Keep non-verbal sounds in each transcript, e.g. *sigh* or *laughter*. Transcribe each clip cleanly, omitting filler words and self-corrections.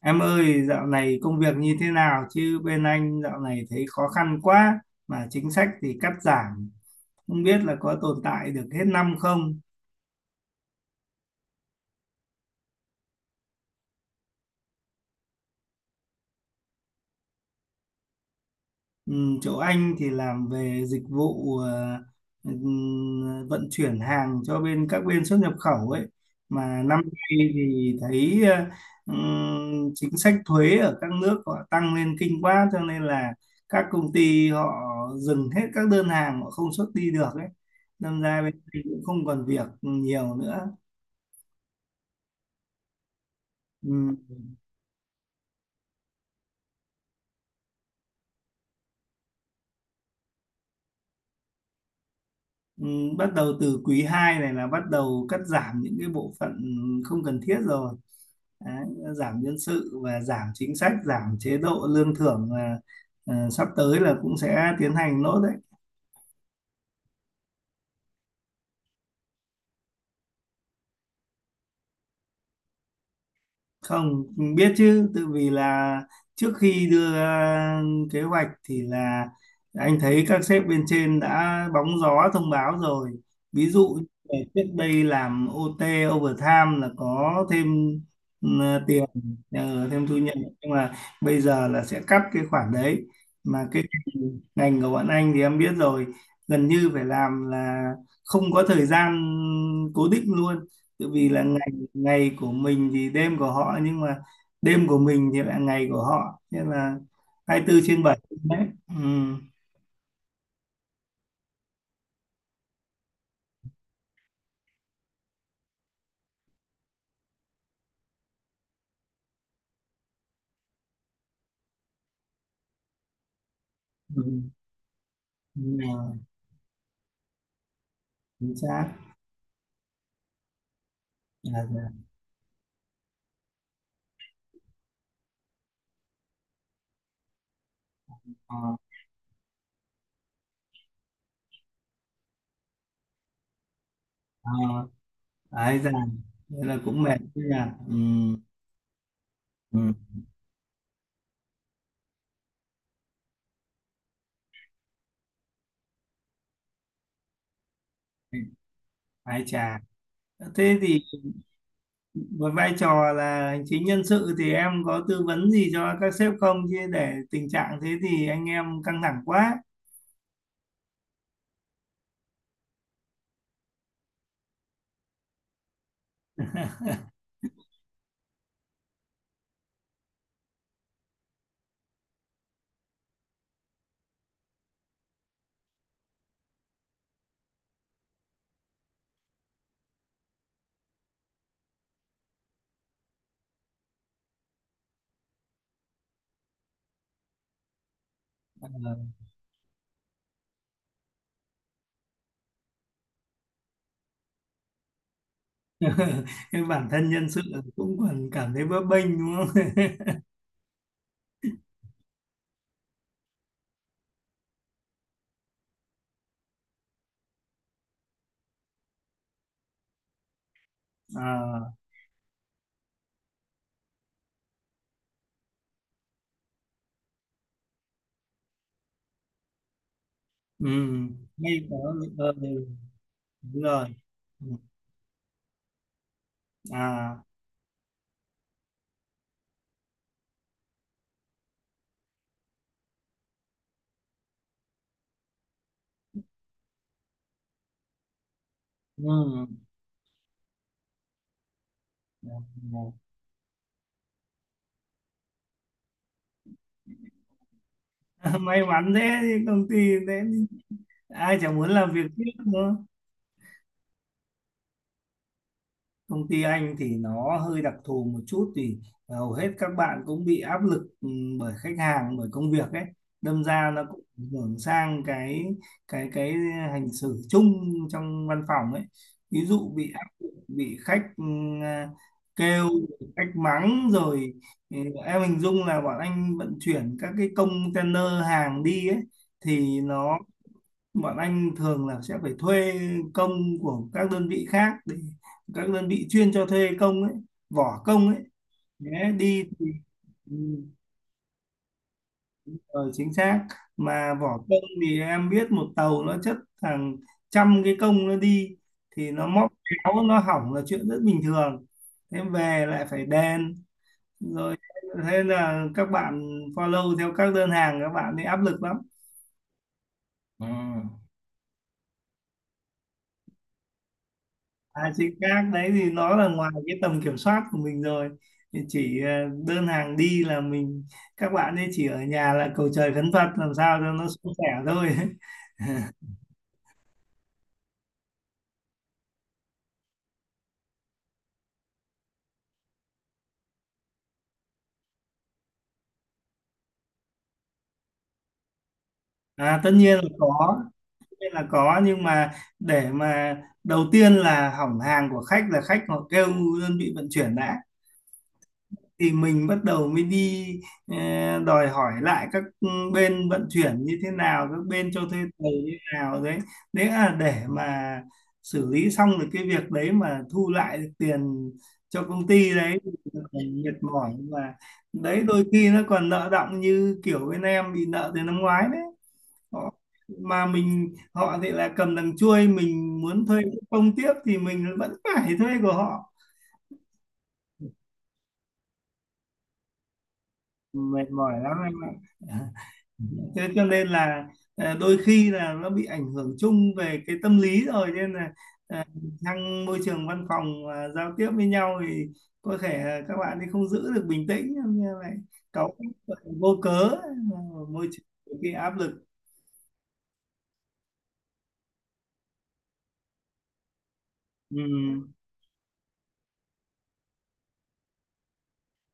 Em ơi, dạo này công việc như thế nào chứ bên anh dạo này thấy khó khăn quá mà chính sách thì cắt giảm, không biết là có tồn tại được hết năm không? Ừ, chỗ anh thì làm về dịch vụ vận chuyển hàng cho bên các bên xuất nhập khẩu ấy. Mà năm nay thì thấy chính sách thuế ở các nước họ tăng lên kinh quá, cho nên là các công ty họ dừng hết các đơn hàng, họ không xuất đi được ấy, đâm ra bên mình cũng không còn việc nhiều nữa. Ừ. Ừ, bắt đầu từ quý 2 này là bắt đầu cắt giảm những cái bộ phận không cần thiết rồi. Đấy, giảm nhân sự và giảm chính sách, giảm chế độ lương thưởng là sắp tới là cũng sẽ tiến hành nốt đấy. Không biết chứ tự vì là trước khi đưa ra kế hoạch thì là anh thấy các sếp bên trên đã bóng gió thông báo rồi. Ví dụ như là trước đây làm OT, overtime là có thêm ừ, tiền, thêm thu nhập, nhưng mà bây giờ là sẽ cắt cái khoản đấy. Mà cái ngành của bọn anh thì em biết rồi, gần như phải làm là không có thời gian cố định luôn, tự vì là ngày của mình thì đêm của họ, nhưng mà đêm của mình thì lại ngày của họ, nên là 24/7 đấy. Ừ. Ừ. Đúng rồi, chính xác. Là già. Ờ, ờ, ái già, nên là cũng mệt chứ nhỉ. Ừ. Ừ. Ái chà, thế thì với vai trò là hành chính nhân sự thì em có tư vấn gì cho các sếp không, chứ để tình trạng thế thì anh em căng thẳng quá. Ờ. *laughs* Cái bản thân nhân sự cũng còn cảm thấy bấp bênh đúng không? *laughs* à ừ Ngay có, ờ, đúng rồi. Ừ, à ừ. Dạ, dạ. *laughs* May mắn thế thì công ty thế ai chẳng muốn làm việc tiếp nữa. Công ty anh thì nó hơi đặc thù một chút thì hầu hết các bạn cũng bị áp lực, bởi khách hàng, bởi công việc ấy, đâm ra nó cũng ảnh hưởng sang cái cái cái hành xử chung trong văn phòng ấy. Ví dụ bị áp lực, bị khách à, kêu, khách mắng rồi ừ, em hình dung là bọn anh vận chuyển các cái container hàng đi ấy thì nó, bọn anh thường là sẽ phải thuê công của các đơn vị khác, để các đơn vị chuyên cho thuê công ấy, vỏ công ấy nhé, đi thì ừ, ờ, chính xác. Mà vỏ công thì em biết, một tàu nó chất hàng trăm cái công nó đi, thì nó móc méo nó hỏng là chuyện rất bình thường. Thế về lại phải đèn rồi, thế là các bạn follow theo các đơn hàng, các bạn ấy áp lực lắm. Ừ. À, chị các đấy thì nó là ngoài cái tầm kiểm soát của mình rồi, thì chỉ đơn hàng đi là mình, các bạn ấy chỉ ở nhà là cầu trời khấn Phật làm sao cho nó suôn sẻ thôi. *laughs* À, tất nhiên là có, tất nhiên là có, nhưng mà để mà đầu tiên là hỏng hàng của khách, là khách họ kêu đơn vị vận chuyển đã, thì mình bắt đầu mới đi ờ, đòi hỏi lại các bên vận chuyển như thế nào, các bên cho thuê tàu như thế nào đấy. Đấy là để mà xử lý xong được cái việc đấy mà thu lại được tiền cho công ty đấy, thì phải mệt mỏi mà. Đấy, đôi khi nó còn nợ đọng, như kiểu bên em bị nợ từ năm ngoái đấy họ, mà mình, họ thì là cầm đằng chuôi, mình muốn thuê công tiếp thì mình vẫn phải thuê của họ. Mệt mỏi lắm anh ạ. *laughs* Thế cho nên là đôi khi là nó bị ảnh hưởng chung về cái tâm lý rồi, nên là ờ, trong môi trường văn phòng mà giao tiếp với nhau thì có thể là các bạn thì không giữ được bình tĩnh như vậy, cáu gắt vô cớ. Ở môi trường cái áp lực ừ.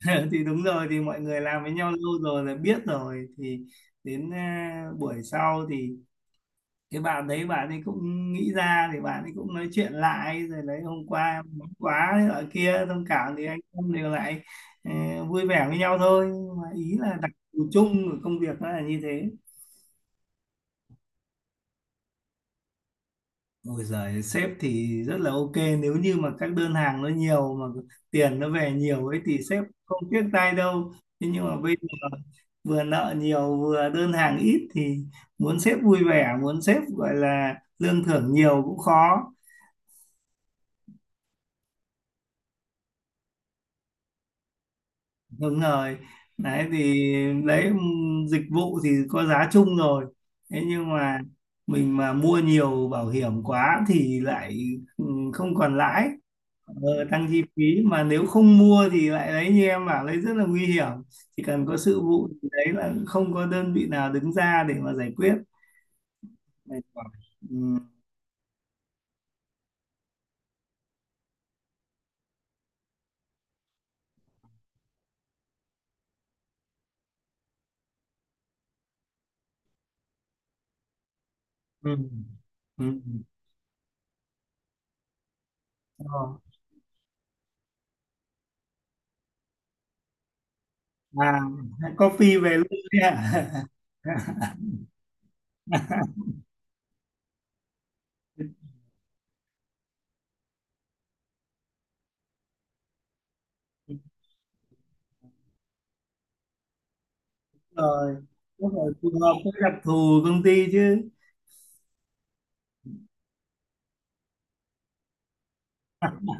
*laughs* Thì đúng rồi, thì mọi người làm với nhau lâu rồi là biết rồi, thì đến buổi sau thì cái bạn đấy, bạn ấy cũng nghĩ ra thì bạn ấy cũng nói chuyện lại rồi đấy, hôm qua em nóng quá thế ở kia thông cảm, thì anh em đều lại ờ, vui vẻ với nhau thôi. Nhưng mà ý là đặc thù chung của công việc nó là như thế. Ôi giời, sếp thì rất là ok, nếu như mà các đơn hàng nó nhiều mà tiền nó về nhiều ấy thì sếp không tiếc tay đâu. Thế nhưng mà bây giờ vừa nợ nhiều vừa đơn hàng ít thì muốn sếp vui vẻ, muốn sếp gọi là lương thưởng nhiều cũng khó. Đúng rồi, đấy thì đấy, dịch vụ thì có giá chung rồi, thế nhưng mà mình mà mua nhiều bảo hiểm quá thì lại không còn lãi. ờ, Tăng chi phí, mà nếu không mua thì lại đấy như em bảo đấy, rất là nguy hiểm, chỉ cần có sự vụ thì đấy là không có đơn vị nào đứng ra để mà giải quyết. Mệt mỏi. Ừm, ừm, ừm. Ờ, à Coffee về luôn đấy ạ. *laughs* Rồi, đúng rồi, phù hợp với đặc thù công ty chứ. *laughs*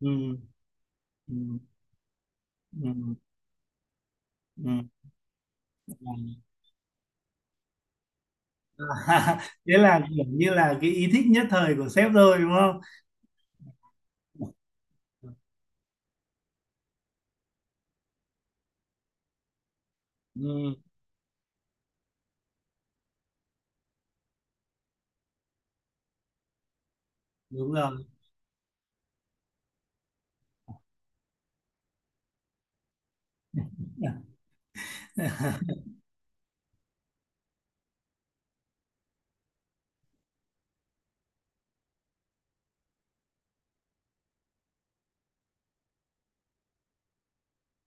Ừ, ừ, ừ, ừ. À. *laughs* Thế là kiểu như là cái ý thích nhất thời của sếp rồi đúng không? ừ, Đúng rồi. *laughs*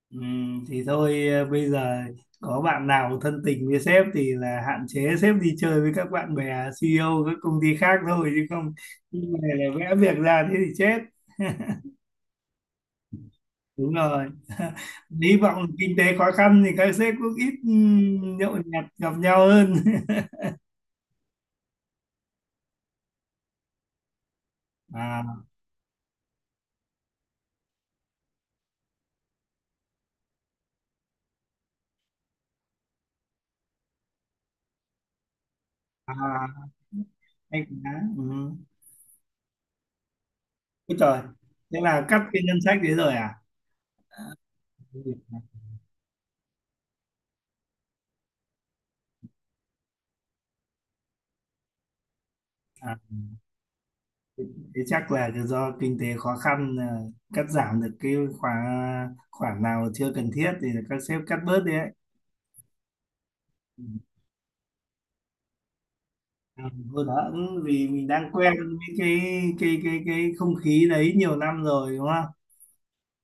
ừ, thì thôi, bây giờ có bạn nào thân tình với sếp thì là hạn chế sếp đi chơi với các bạn bè CEO các công ty khác thôi, chứ không, nhưng này là vẽ việc ra thế thì chết. Đúng rồi. *laughs* Hy vọng kinh tế khó khăn thì các sếp cũng ít nhậu nhẹt gặp nhau hơn. *laughs* à, À hay quá. Ừ. Úi trời, thế là cắt cái ngân sách đấy rồi à? À, thế chắc là do kinh tế khó khăn, cắt giảm được cái khoản, nào chưa cần thiết thì các sếp cắt bớt đi ấy. Ừ. À, thôi đó, ừ, vì mình đang quen với cái không khí đấy nhiều năm rồi đúng không?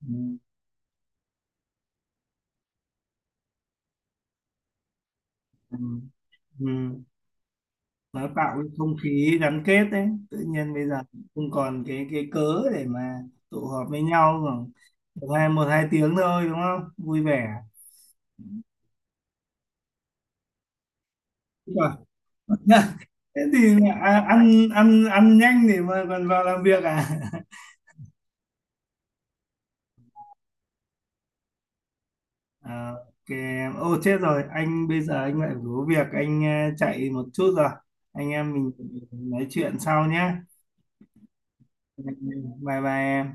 Ừ. Ừ. Ừ. Nó tạo cái không khí gắn kết đấy, tự nhiên bây giờ không còn cái cớ để mà tụ họp với nhau khoảng một hai tiếng thôi đúng không, vui vẻ. Thế còn- *laughs* thế thì ăn ăn ăn nhanh để mà còn vào làm việc. *laughs* À ok em, ô chết rồi, anh bây giờ anh lại phải có việc, anh chạy một chút rồi. Anh em mình nói chuyện sau nhé. Bye bye em.